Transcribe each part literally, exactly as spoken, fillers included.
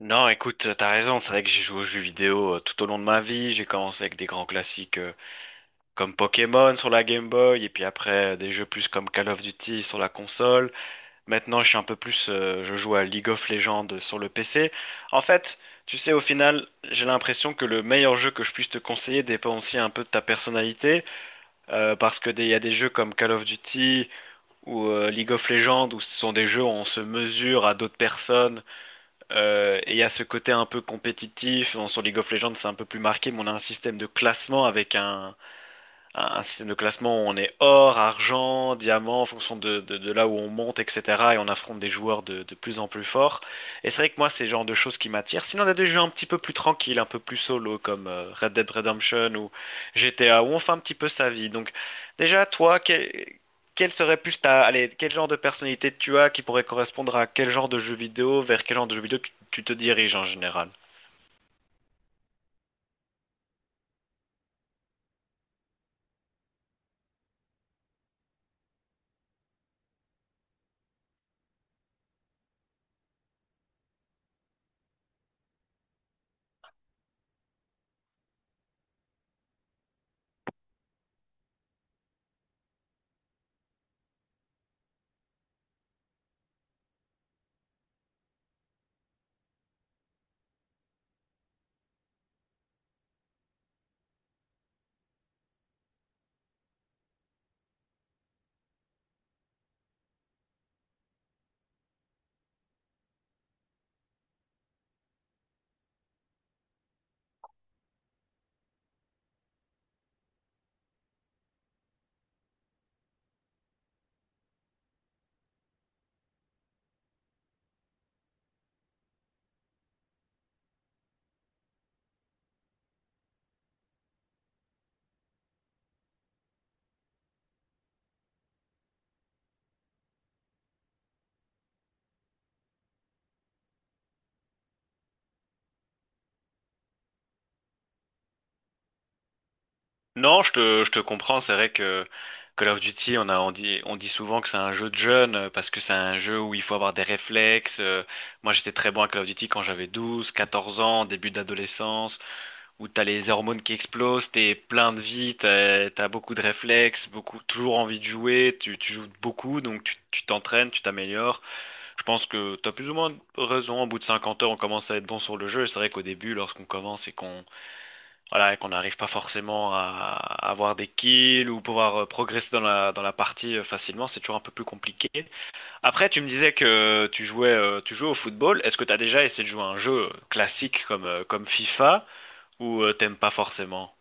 Non, écoute, euh, t'as raison, c'est vrai que j'ai joué aux jeux vidéo euh, tout au long de ma vie. J'ai commencé avec des grands classiques euh, comme Pokémon sur la Game Boy, et puis après euh, des jeux plus comme Call of Duty sur la console. Maintenant, je suis un peu plus, euh, je joue à League of Legends sur le P C. En fait, tu sais, au final, j'ai l'impression que le meilleur jeu que je puisse te conseiller dépend aussi un peu de ta personnalité, euh, parce que des- il y a des jeux comme Call of Duty ou euh, League of Legends où ce sont des jeux où on se mesure à d'autres personnes. Euh, et il y a ce côté un peu compétitif. Bon, sur League of Legends, c'est un peu plus marqué, mais on a un système de classement avec un, un un système de classement où on est or, argent, diamant, en fonction de, de- de là où on monte, et cetera. Et on affronte des joueurs de, de plus en plus forts. Et c'est vrai que moi, c'est le genre de choses qui m'attirent. Sinon, on a des jeux un petit peu plus tranquilles, un peu plus solo, comme euh, Red Dead Redemption ou G T A, où on fait un petit peu sa vie. Donc, déjà, toi, quel, quel serait plus ta, allez, quel genre de personnalité tu as qui pourrait correspondre à quel genre de jeu vidéo, vers quel genre de jeu vidéo tu, tu te diriges en général? Non, je te, je te comprends. C'est vrai que Call of Duty, on a, on dit, on dit souvent que c'est un jeu de jeunes euh, parce que c'est un jeu où il faut avoir des réflexes. euh, Moi, j'étais très bon à Call of Duty quand j'avais douze quatorze ans, début d'adolescence, où t'as les hormones qui explosent, t'es plein de vie, t'as, t'as beaucoup de réflexes, beaucoup, toujours envie de jouer, tu, tu joues beaucoup, donc tu, tu t'entraînes, tu t'améliores. Je pense que t'as plus ou moins raison. Au bout de cinquante heures, on commence à être bon sur le jeu. Et c'est vrai qu'au début, lorsqu'on commence et qu'on voilà, et qu'on n'arrive pas forcément à, à avoir des kills ou pouvoir euh, progresser dans la, dans la partie euh, facilement, c'est toujours un peu plus compliqué. Après, tu me disais que tu jouais, euh, tu jouais au football. Est-ce que tu as déjà essayé de jouer à un jeu euh, classique comme, euh, comme FIFA ou euh, t'aimes pas forcément?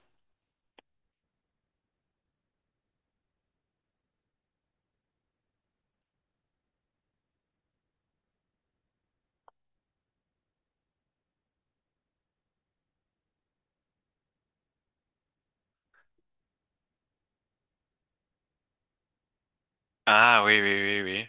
Ah oui, oui, oui, oui.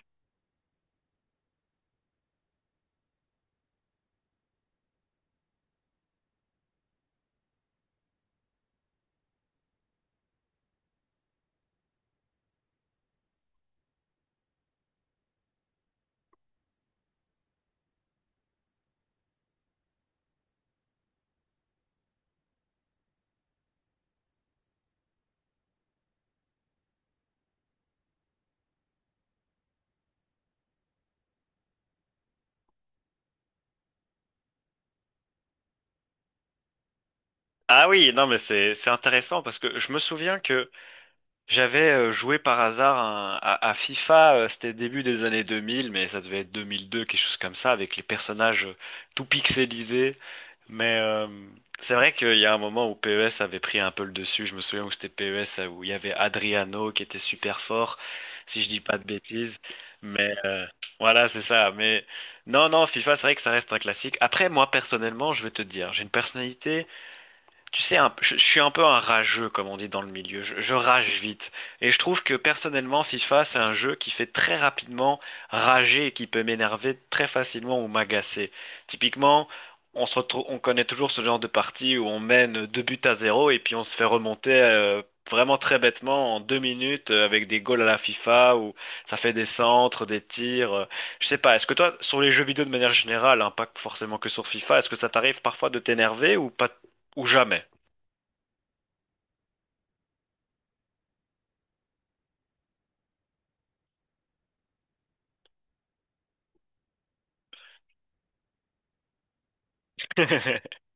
Ah oui, non, mais c'est c'est intéressant parce que je me souviens que j'avais euh, joué par hasard un- à, à FIFA, euh, c'était début des années deux mille, mais ça devait être deux mille deux, quelque chose comme ça, avec les personnages euh, tout pixelisés. Mais euh, c'est vrai qu'il y a un moment où P E S avait pris un peu le dessus. Je me souviens où c'était P E S, où il y avait Adriano qui était super fort, si je dis pas de bêtises. Mais euh, voilà, c'est ça. Mais non, non, FIFA, c'est vrai que ça reste un classique. Après, moi, personnellement, je vais te dire, j'ai une personnalité. Tu sais, un- je, je suis un peu un rageux, comme on dit dans le milieu. Je, je rage vite. Et je trouve que personnellement, FIFA, c'est un jeu qui fait très rapidement rager et qui peut m'énerver très facilement ou m'agacer. Typiquement, on se retrouve, on connaît toujours ce genre de partie où on mène deux buts à zéro et puis on se fait remonter euh, vraiment très bêtement en deux minutes euh, avec des goals à la FIFA où ça fait des centres, des tirs. euh. Je sais pas, est-ce que toi, sur les jeux vidéo de manière générale, hein, pas forcément que sur FIFA, est-ce que ça t'arrive parfois de t'énerver ou pas, ou jamais?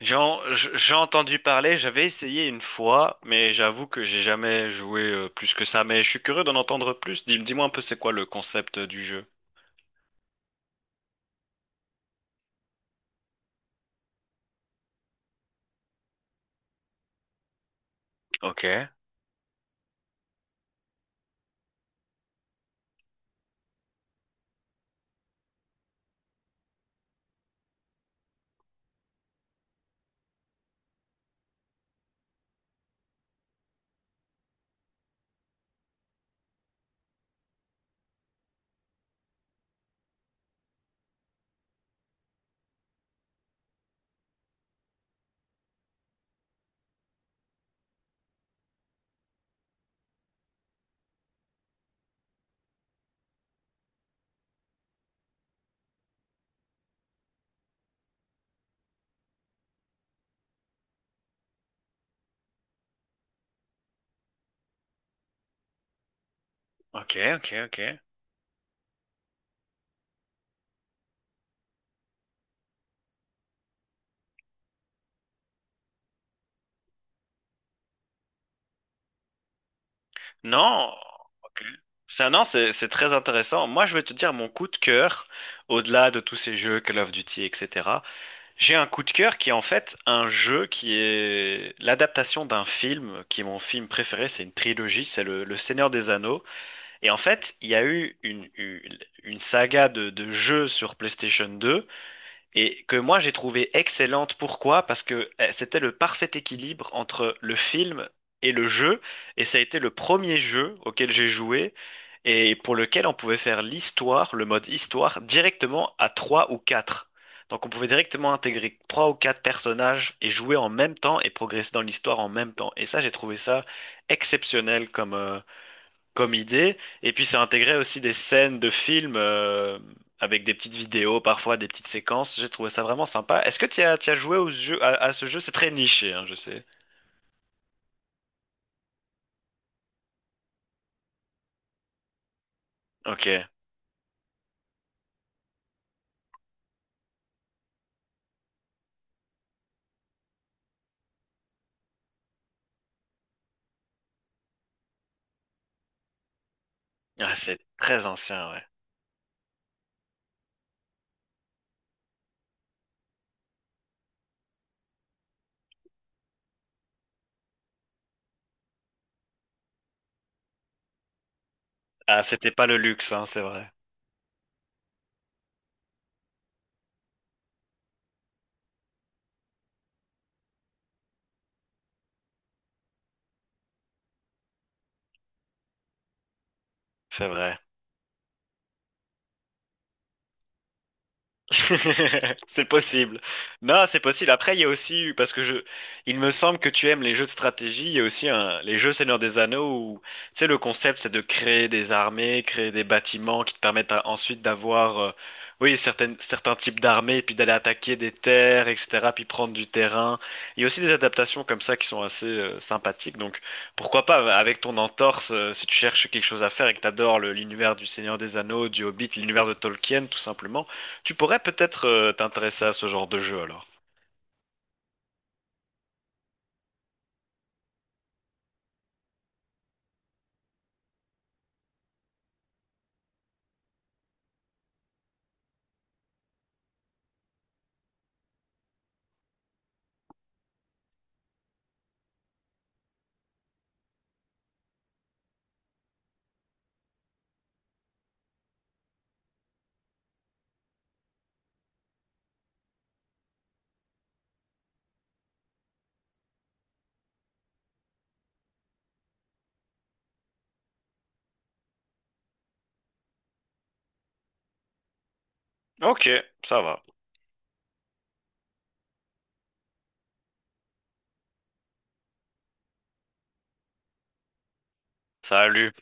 J'en- j- j'ai entendu parler, j'avais essayé une fois, mais j'avoue que j'ai jamais joué euh, plus que ça. Mais je suis curieux d'en entendre plus. Dis, dis-moi un peu c'est quoi le concept euh, du jeu. Ok, ok, ok, ok. Non, ok. Ça, non, c'est c'est très intéressant. Moi, je vais te dire mon coup de cœur, au-delà de tous ces jeux Call of Duty, et cetera. J'ai un coup de cœur qui est en fait un jeu qui est l'adaptation d'un film, qui est mon film préféré. C'est une trilogie, c'est le, le Seigneur des Anneaux. Et en fait, il y a eu une, une, une saga de, de jeux sur PlayStation deux et que moi j'ai trouvé excellente. Pourquoi? Parce que eh, c'était le parfait équilibre entre le film et le jeu et ça a été le premier jeu auquel j'ai joué et pour lequel on pouvait faire l'histoire, le mode histoire, directement à trois ou quatre. Donc on pouvait directement intégrer trois ou quatre personnages et jouer en même temps et progresser dans l'histoire en même temps. Et ça, j'ai trouvé ça exceptionnel comme. euh, comme idée. Et puis ça intégrait aussi des scènes de films euh, avec des petites vidéos, parfois des petites séquences. J'ai trouvé ça vraiment sympa. Est-ce que tu as, tu as joué au jeu, à, à ce jeu? C'est très niché, hein, je sais. Ok. Ah, c'est très ancien, ouais. Ah, c'était pas le luxe, hein, c'est vrai. C'est vrai. C'est possible. Non, c'est possible. Après, il y a aussi, eu- parce que je, il me semble que tu aimes les jeux de stratégie, il y a aussi un, les jeux Seigneur des Anneaux où, tu sais, le concept, c'est de créer des armées, créer des bâtiments qui te permettent à- ensuite d'avoir, euh, oui, certaines, certains types d'armées, puis d'aller attaquer des terres, et cetera, puis prendre du terrain. Il y a aussi des adaptations comme ça qui sont assez, euh, sympathiques. Donc, pourquoi pas, avec ton entorse, euh, si tu cherches quelque chose à faire et que t'adores le- l'univers du Seigneur des Anneaux, du Hobbit, l'univers de Tolkien, tout simplement. Tu pourrais peut-être euh, t'intéresser à ce genre de jeu alors. Ok, ça va. Salut.